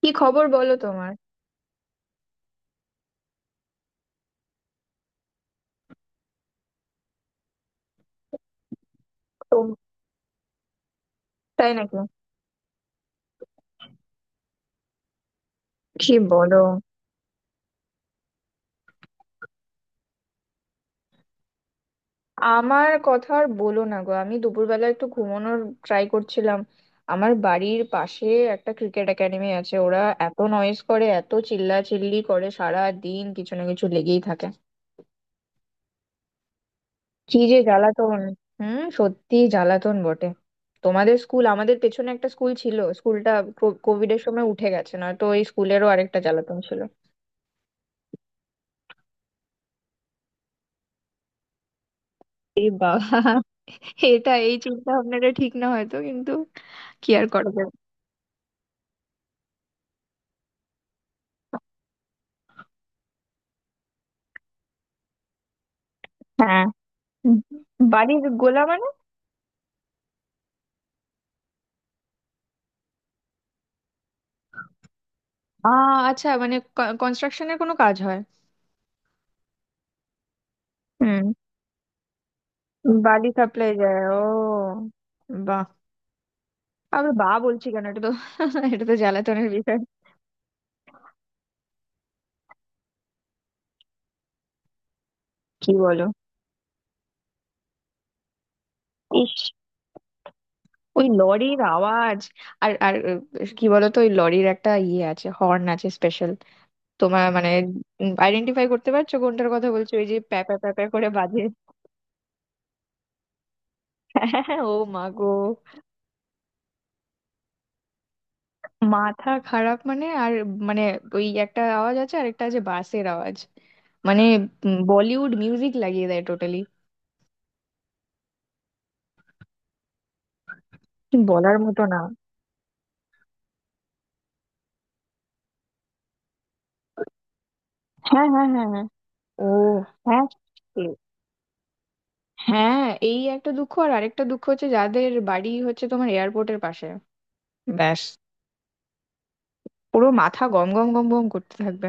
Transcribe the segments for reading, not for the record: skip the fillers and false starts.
কি খবর বলো তোমার? তো তাই নাকি? কি বলো? আমার কথা আর বলো না গো, আমি দুপুরবেলা একটু ঘুমানোর ট্রাই করছিলাম। আমার বাড়ির পাশে একটা ক্রিকেট একাডেমি আছে, ওরা এত নয়েজ করে, এত চিল্লাচিল্লি করে, সারা দিন কিছু না কিছু লেগেই থাকে। কি যে জ্বালাতন। হুম, সত্যি জ্বালাতন বটে। তোমাদের স্কুল, আমাদের পেছনে একটা স্কুল ছিল, স্কুলটা কোভিড এর সময় উঠে গেছে, না তো এই স্কুলেরও আরেকটা জ্বালাতন ছিল। এ বাবা, এটা এই চিন্তা ভাবনাটা ঠিক না হয়তো, কিন্তু কি আর করা যাবে। হ্যাঁ। উম, বালির গোলা মানে? আ আচ্ছা, মানে কনস্ট্রাকশনের কোনো কাজ হয়? হুম। বালি সাপ্লাই যায়, ও। বাহ। আবার বা বলছি কেন, এটা তো এটা তো জ্বালাতনের বিষয়। কি বলো। ইস। ওই লরির আওয়াজ। আর আর আহ, কি বলতো, ওই লরির একটা ইয়ে আছে, হর্ন আছে স্পেশাল। তোমার মানে আইডেন্টিফাই করতে পারছো কোনটার কথা বলছো? ওই যে প্যা প্যা প্যা প্যা করে বাজে। হ্যাঁ, ও মা গো। মাথা খারাপ মানে আর মানে ওই একটা আওয়াজ আছে, আর একটা আছে বাসের আওয়াজ মানে বলিউড মিউজিক লাগিয়ে দেয় টোটালি। বলার মতো না। হ্যাঁ, হ্যাঁ, হ্যাঁ, হ্যাঁ। ও, হ্যাঁ। এ- হ্যাঁ, এই একটা দুঃখ, আর আরেকটা দুঃখ হচ্ছে যাদের বাড়ি হচ্ছে তোমার এয়ারপোর্টের পাশে। ব্যাস, পুরো মাথা গম গম গম গম করতে থাকবে।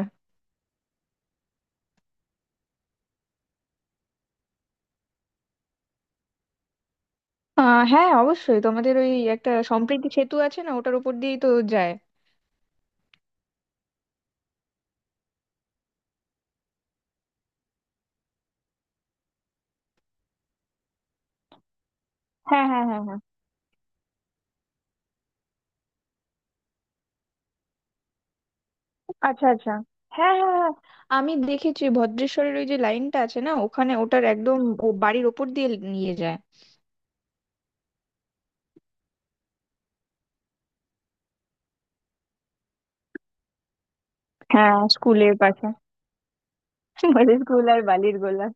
আহ হ্যাঁ, অবশ্যই, তোমাদের ওই একটা সম্প্রীতি সেতু আছে না, ওটার উপর দিয়েই তো যায়। হ্যাঁ, হ্যাঁ, হ্যাঁ, হ্যাঁ। আচ্ছা আচ্ছা, হ্যাঁ, হ্যাঁ, হ্যাঁ। আমি দেখেছি ভদ্রেশ্বরের ওই যে লাইনটা আছে না, ওখানে ওটার একদম ও বাড়ির ওপর দিয়ে নিয়ে যায়। হ্যাঁ, স্কুলের পাশে আমাদের স্কুল আর বালির গোলা।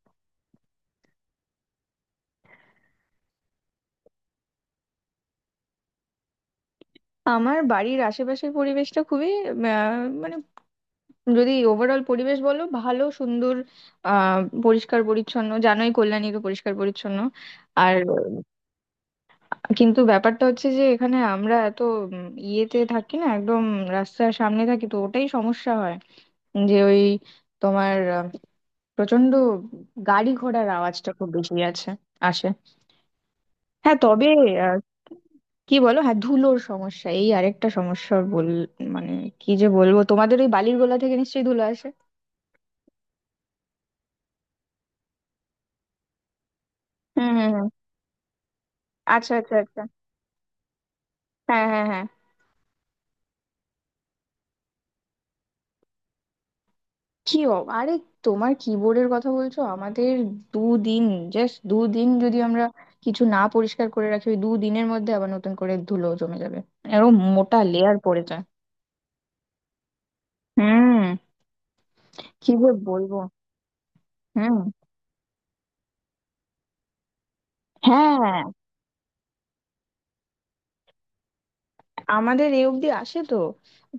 আমার বাড়ির আশেপাশের পরিবেশটা খুবই আহ, মানে যদি ওভারঅল পরিবেশ বলো, ভালো সুন্দর। আহ পরিষ্কার পরিচ্ছন্ন, জানোই কল্যাণী তো পরিষ্কার পরিচ্ছন্ন। আর কিন্তু ব্যাপারটা হচ্ছে যে এখানে আমরা এত ইয়েতে থাকি না, একদম রাস্তার সামনে থাকি, তো ওটাই সমস্যা হয়, যে ওই তোমার প্রচন্ড গাড়ি ঘোড়ার আওয়াজটা খুব বেশি আছে, আসে। হ্যাঁ তবে আহ, কি বলো, হ্যাঁ ধুলোর সমস্যা এই আরেকটা সমস্যা বল, মানে কি যে বলবো, তোমাদের ওই বালির গোলা থেকে নিশ্চয়ই ধুলো আসে। হুম, হুম, হুম। আচ্ছা আচ্ছা আচ্ছা, হ্যাঁ, হ্যাঁ, হ্যাঁ। আরে তোমার কিবোর্ডের কথা বলছো, আমাদের দুদিন, জাস্ট দুদিন যদি আমরা কিছু না পরিষ্কার করে রাখি, ওই দুদিনের মধ্যে আবার নতুন করে ধুলো জমে যাবে, এরকম মোটা লেয়ার পড়ে যায়। হুম। কি যে বলবো। হুম। হ্যাঁ, আমাদের এ অব্দি আসে তো,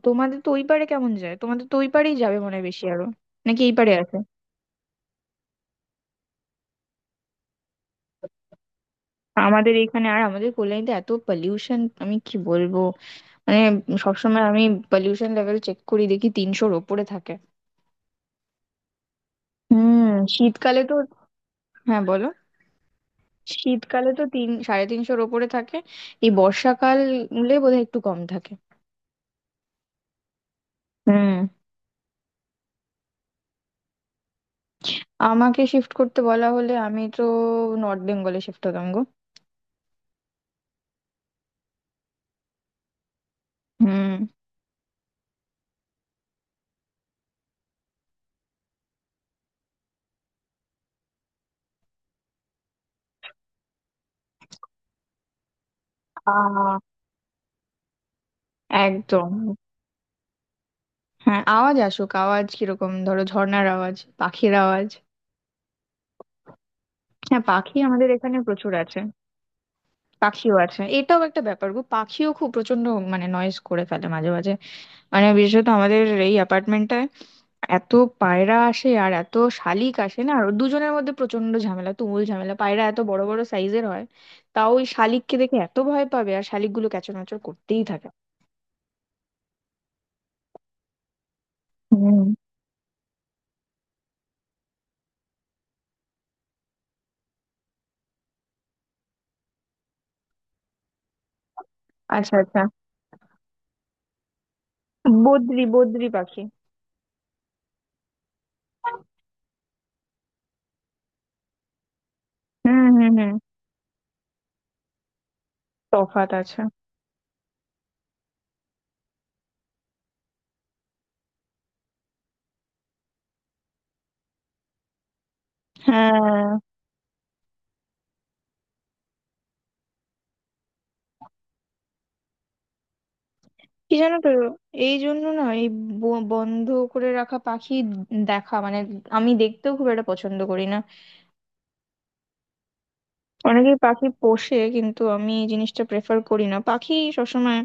তোমাদের তো ওই পারে কেমন যায়, তোমাদের তো ওই পারেই যাবে মনে হয় বেশি আরো, নাকি এই পারে আছে। আমাদের এখানে আর আমাদের কল্যাণীতে এত পলিউশন আমি কি বলবো, মানে সবসময় আমি পলিউশন লেভেল চেক করি, দেখি তিনশোর ওপরে থাকে। হুম। শীতকালে তো, হ্যাঁ বলো, শীতকালে তো তিন সাড়ে তিনশোর ওপরে থাকে, এই বর্ষাকালে বোধহয় একটু কম থাকে। হুম। আমাকে শিফট করতে বলা হলে আমি তো নর্থ বেঙ্গলে শিফট হতাম গো। হুম। আহ। একদম। হ্যাঁ, আওয়াজ আসুক, আওয়াজ কিরকম ধরো ঝর্ণার আওয়াজ পাখির আওয়াজ। হ্যাঁ, পাখি আমাদের এখানে প্রচুর আছে। পাখিও আছে, এটাও একটা ব্যাপার গো, পাখিও খুব প্রচন্ড মানে নয়েজ করে ফেলে মাঝে মাঝে, মানে বিশেষত আমাদের এই অ্যাপার্টমেন্টটায় এত পায়রা আসে আর এত শালিক আসে না, আর দুজনের মধ্যে প্রচন্ড ঝামেলা, তুমুল ঝামেলা। পায়রা এত বড় বড় সাইজের হয়, তাও ওই শালিককে দেখে এত ভয় পাবে, আর শালিকগুলো ক্যাচরমাচর করতেই থাকে। হুম। আচ্ছা আচ্ছা। বদ্রি বদ্রি পাখি। হুম, হুম, হুম। তফাৎ আছে, হ্যাঁ। কি জানো তো, এই জন্য না এই বন্ধ করে রাখা পাখি দেখা মানে আমি দেখতেও খুব একটা পছন্দ করি না। অনেকেই পাখি পোষে, কিন্তু আমি এই জিনিসটা প্রেফার করি না, পাখি সবসময়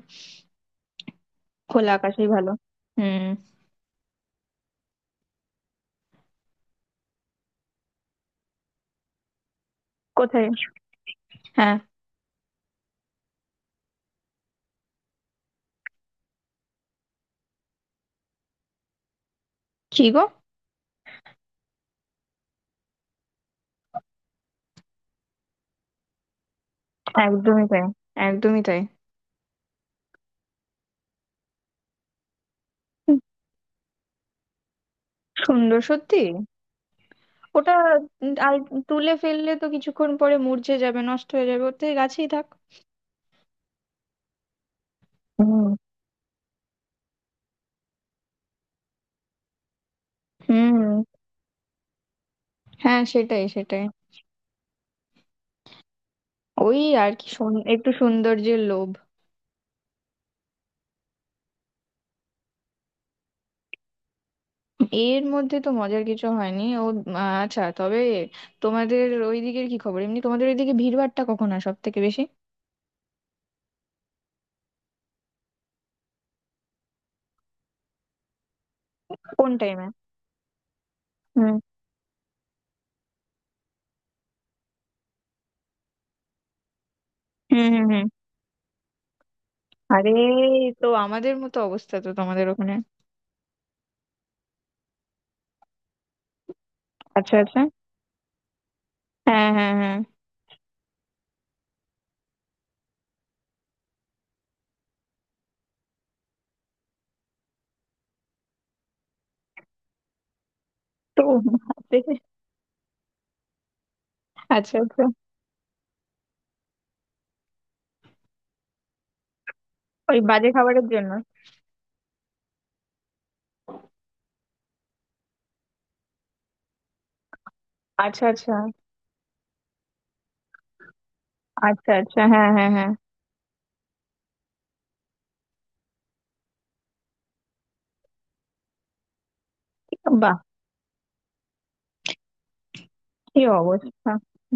খোলা আকাশেই ভালো। হুম। কোথায়? হ্যাঁ। কি গো? একদমই তাই। একদমই তাই। হুম, সুন্দর সত্যি। ওটা আর তুলে ফেললে তো কিছুক্ষণ পরে মূর্ছে যাবে, নষ্ট হয়ে যাবে, ওর থেকে গাছেই থাক। হুম, হুম। হ্যাঁ, সেটাই, সেটাই। ওই আর কি একটু সৌন্দর্যের লোভ। এর মধ্যে তো মজার কিছু হয়নি, ও আচ্ছা তবে তোমাদের ওই দিকের কি খবর এমনি, তোমাদের ওইদিকে ভিড়ভাট্টা কখন হয় সব থেকে বেশি? কোন টাইমে? হুম, হুম, হুম, হুম। আরে এই তো আমাদের মতো অবস্থা তো তোমাদের ওখানে। আচ্ছা আচ্ছা, হ্যাঁ, হ্যাঁ, হ্যাঁ। তো আচ্ছা আচ্ছা। ওই বাজে খাবারের জন্য। আচ্ছা আচ্ছা আচ্ছা আচ্ছা, হ্যাঁ, হ্যাঁ, হ্যাঁ। বাহ। কি অবস্থা।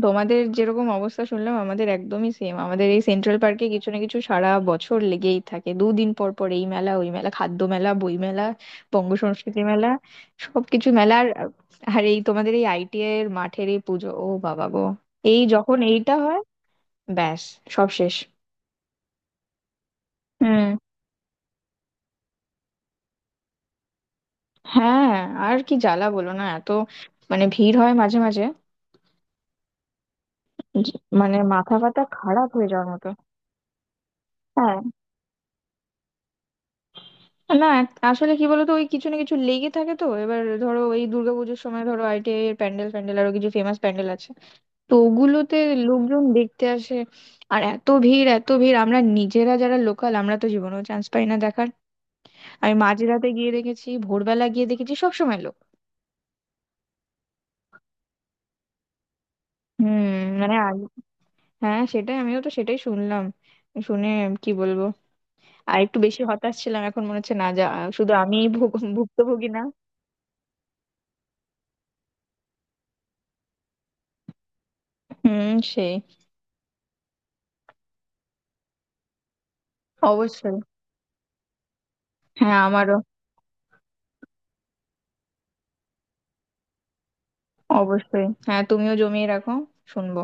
তোমাদের যেরকম অবস্থা শুনলাম আমাদের একদমই সেম, আমাদের এই সেন্ট্রাল পার্কে কিছু না কিছু সারা বছর লেগেই থাকে, দুদিন পর পর এই মেলা ওই মেলা, খাদ্য মেলা, বই মেলা, বঙ্গ সংস্কৃতি মেলা, সবকিছু মেলা। আর আর এই তোমাদের এই ITI এর মাঠের এই পুজো, ও বাবা গো, এই যখন এইটা হয় ব্যাস সব শেষ। হুম। হ্যাঁ, আর কি জ্বালা বলো না, এত মানে ভিড় হয় মাঝে মাঝে, মানে মাথা ফাতা খারাপ হয়ে যাওয়ার মতো। হ্যাঁ, না আসলে কি বলতো, ওই কিছু না কিছু লেগে থাকে তো, এবার ধরো এই দুর্গাপুজোর সময় ধরো ITI এর প্যান্ডেল ফ্যান্ডেল আরো কিছু ফেমাস প্যান্ডেল আছে, তো ওগুলোতে লোকজন দেখতে আসে, আর এত ভিড়, এত ভিড়, আমরা নিজেরা যারা লোকাল আমরা তো জীবনেও চান্স পাই না দেখার। আমি মাঝরাতে গিয়ে দেখেছি ভোরবেলা গিয়ে দেখেছি সব সময় লোক। হুম। মানে আগে হ্যাঁ সেটাই, আমিও তো সেটাই শুনলাম, শুনে কি বলবো, আর একটু বেশি হতাশ ছিলাম, এখন মনে হচ্ছে না, যা শুধু আমিই ভুক্তভোগী না। হুম। সেই। অবশ্যই। হ্যাঁ আমারও। অবশ্যই হ্যাঁ, তুমিও জমিয়ে রাখো, শুনবো।